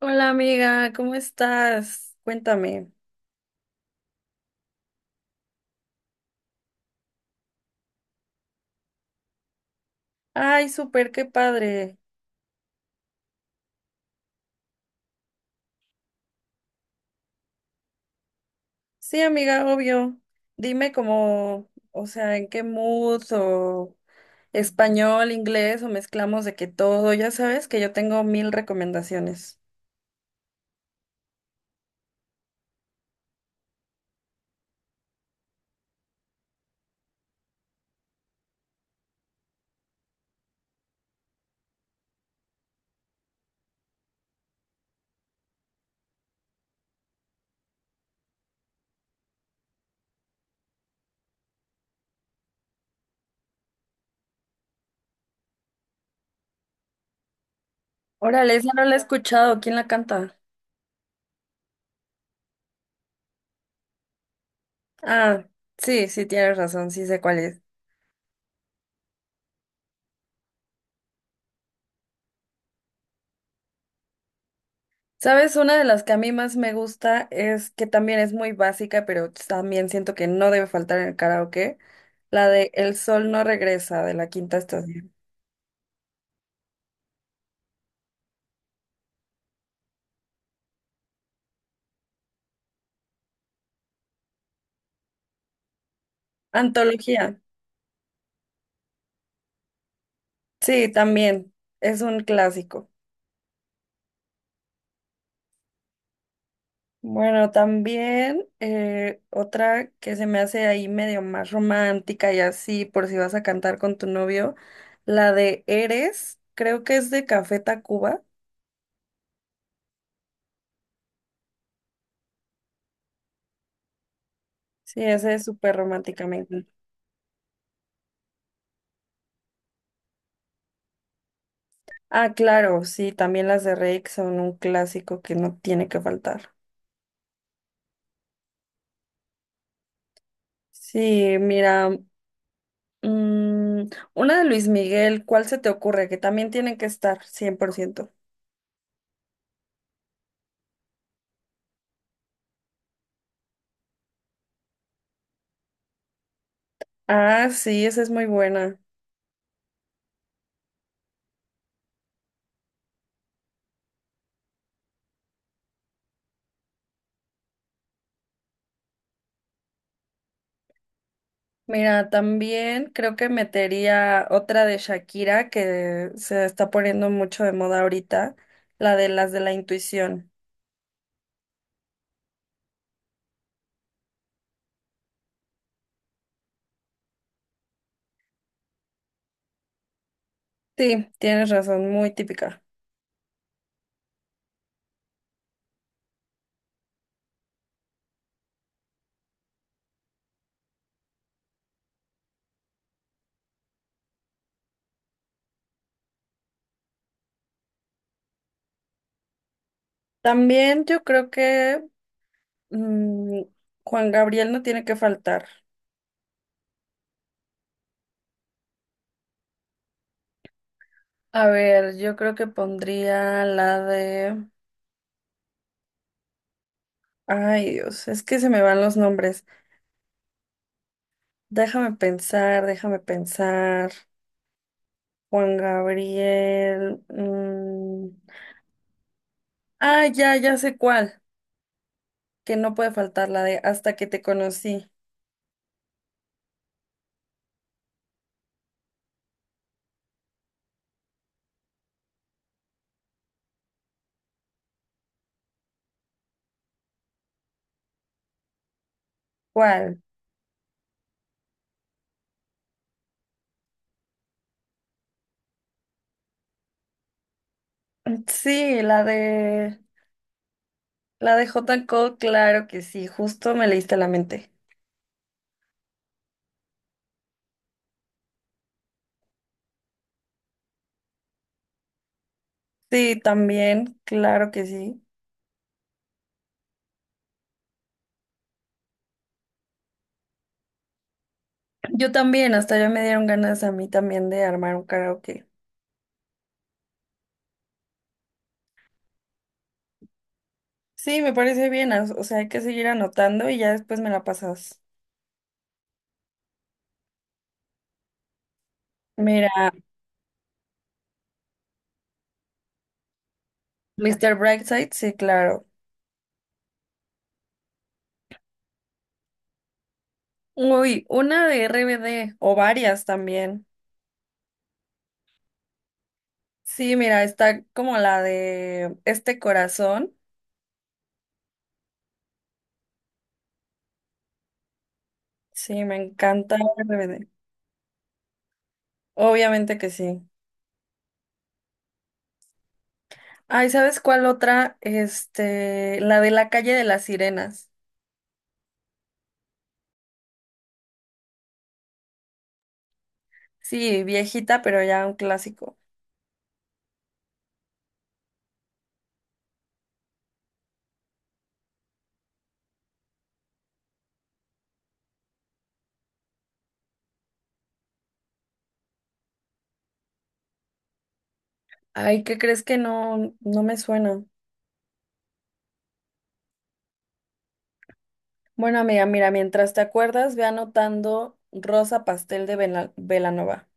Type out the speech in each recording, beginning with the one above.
Hola amiga, ¿cómo estás? Cuéntame. Ay, súper, qué padre. Sí, amiga, obvio. Dime cómo, o sea, en qué mood o español, inglés o mezclamos de que todo. Ya sabes que yo tengo mil recomendaciones. Órale, esa no la he escuchado. ¿Quién la canta? Ah, sí, sí, tienes razón, sí sé cuál es. Sabes, una de las que a mí más me gusta es que también es muy básica, pero también siento que no debe faltar en el karaoke, la de El sol no regresa de la Quinta Estación. Antología. Sí, también es un clásico. Bueno, también otra que se me hace ahí medio más romántica y así, por si vas a cantar con tu novio, la de Eres, creo que es de Café Tacuba. Sí, esa es súper romántica, me encanta. Ah, claro, sí, también las de Rake son un clásico que no tiene que faltar. Sí, mira, mm, una de Luis Miguel, ¿cuál se te ocurre? Que también tiene que estar, cien por ciento. Ah, sí, esa es muy buena. Mira, también creo que metería otra de Shakira que se está poniendo mucho de moda ahorita, la de las de la intuición. Sí, tienes razón, muy típica. También yo creo que mm, Juan Gabriel no tiene que faltar. A ver, yo creo que pondría la de... Ay, Dios, es que se me van los nombres. Déjame pensar, déjame pensar. Juan Gabriel. Ah, ya, ya sé cuál. Que no puede faltar la de Hasta que te conocí. ¿Cuál? Sí, la de... La de J. Cole, claro que sí. Justo me leíste la mente. Sí, también, claro que sí. Yo también, hasta ya me dieron ganas a mí también de armar un karaoke. Sí, me parece bien, o sea, hay que seguir anotando y ya después me la pasas. Mira, Mr. Brightside, sí, claro. Uy, una de RBD o varias también. Sí, mira, está como la de Este Corazón. Sí, me encanta RBD. Obviamente que sí. Ay, ¿sabes cuál otra? Este, la de La calle de las sirenas. Sí, viejita, pero ya un clásico. Ay, ¿qué crees que no, no me suena? Bueno, amiga, mira, mientras te acuerdas, ve anotando Rosa Pastel de Vela- Belanova.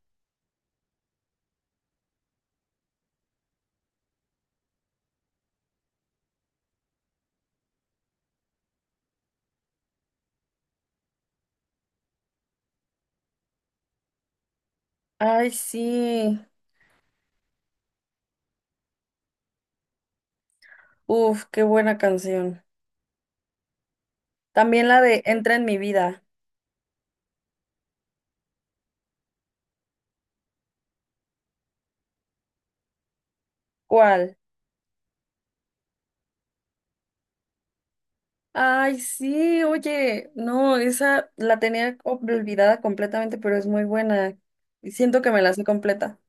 Ay, sí. Uf, qué buena canción. También la de Entra en mi vida. ¿Cuál? Ay, sí, oye, no, esa la tenía olvidada completamente, pero es muy buena. Y siento que me la sé completa.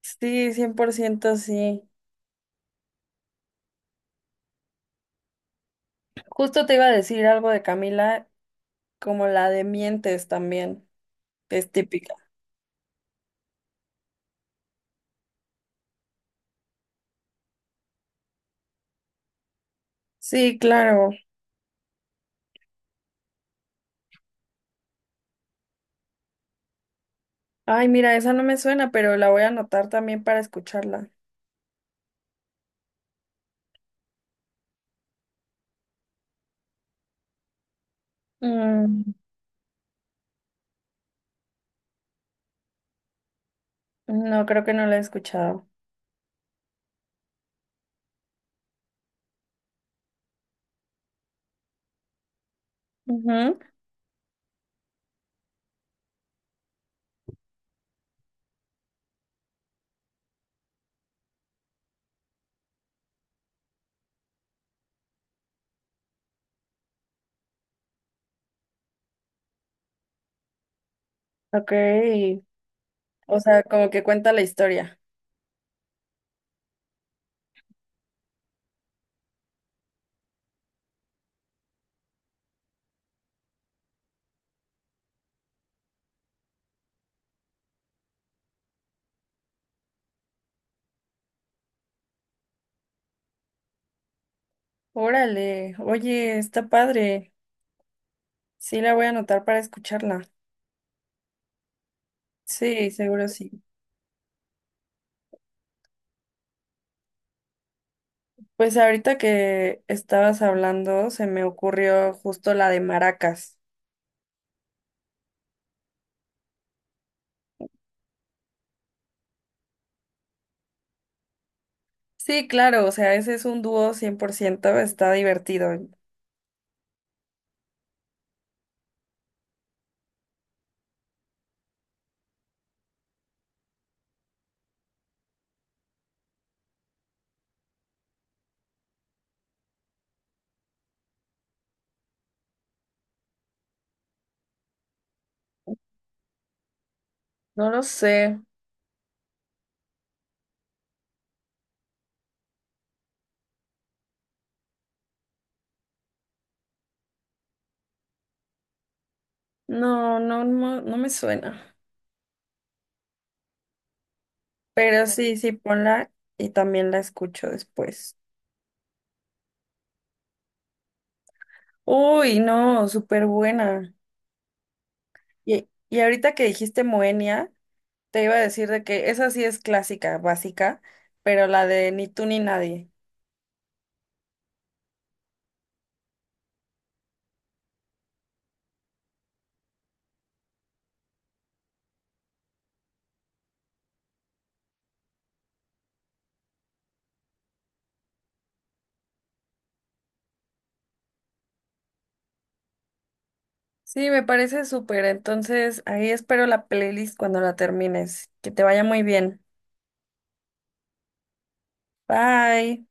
Sí, 100% sí. Justo te iba a decir algo de Camila, como la de Mientes también, que es típica. Sí, claro. Ay, mira, esa no me suena, pero la voy a anotar también para escucharla. Mm, no, creo que no la he escuchado. Ujú. Ok, o sea, como que cuenta la historia. Órale, oye, está padre. Sí, la voy a anotar para escucharla. Sí, seguro sí. Pues ahorita que estabas hablando, se me ocurrió justo la de Maracas. Sí, claro, o sea, ese es un dúo 100%, está divertido. No lo sé. No, no, no, no me suena. Pero sí, sí, ponla y también la escucho después. Uy, no, súper buena. Y ahorita que dijiste Moenia, te iba a decir de que esa sí es clásica, básica, pero la de Ni tú ni nadie. Sí, me parece súper. Entonces, ahí espero la playlist cuando la termines. Que te vaya muy bien. Bye.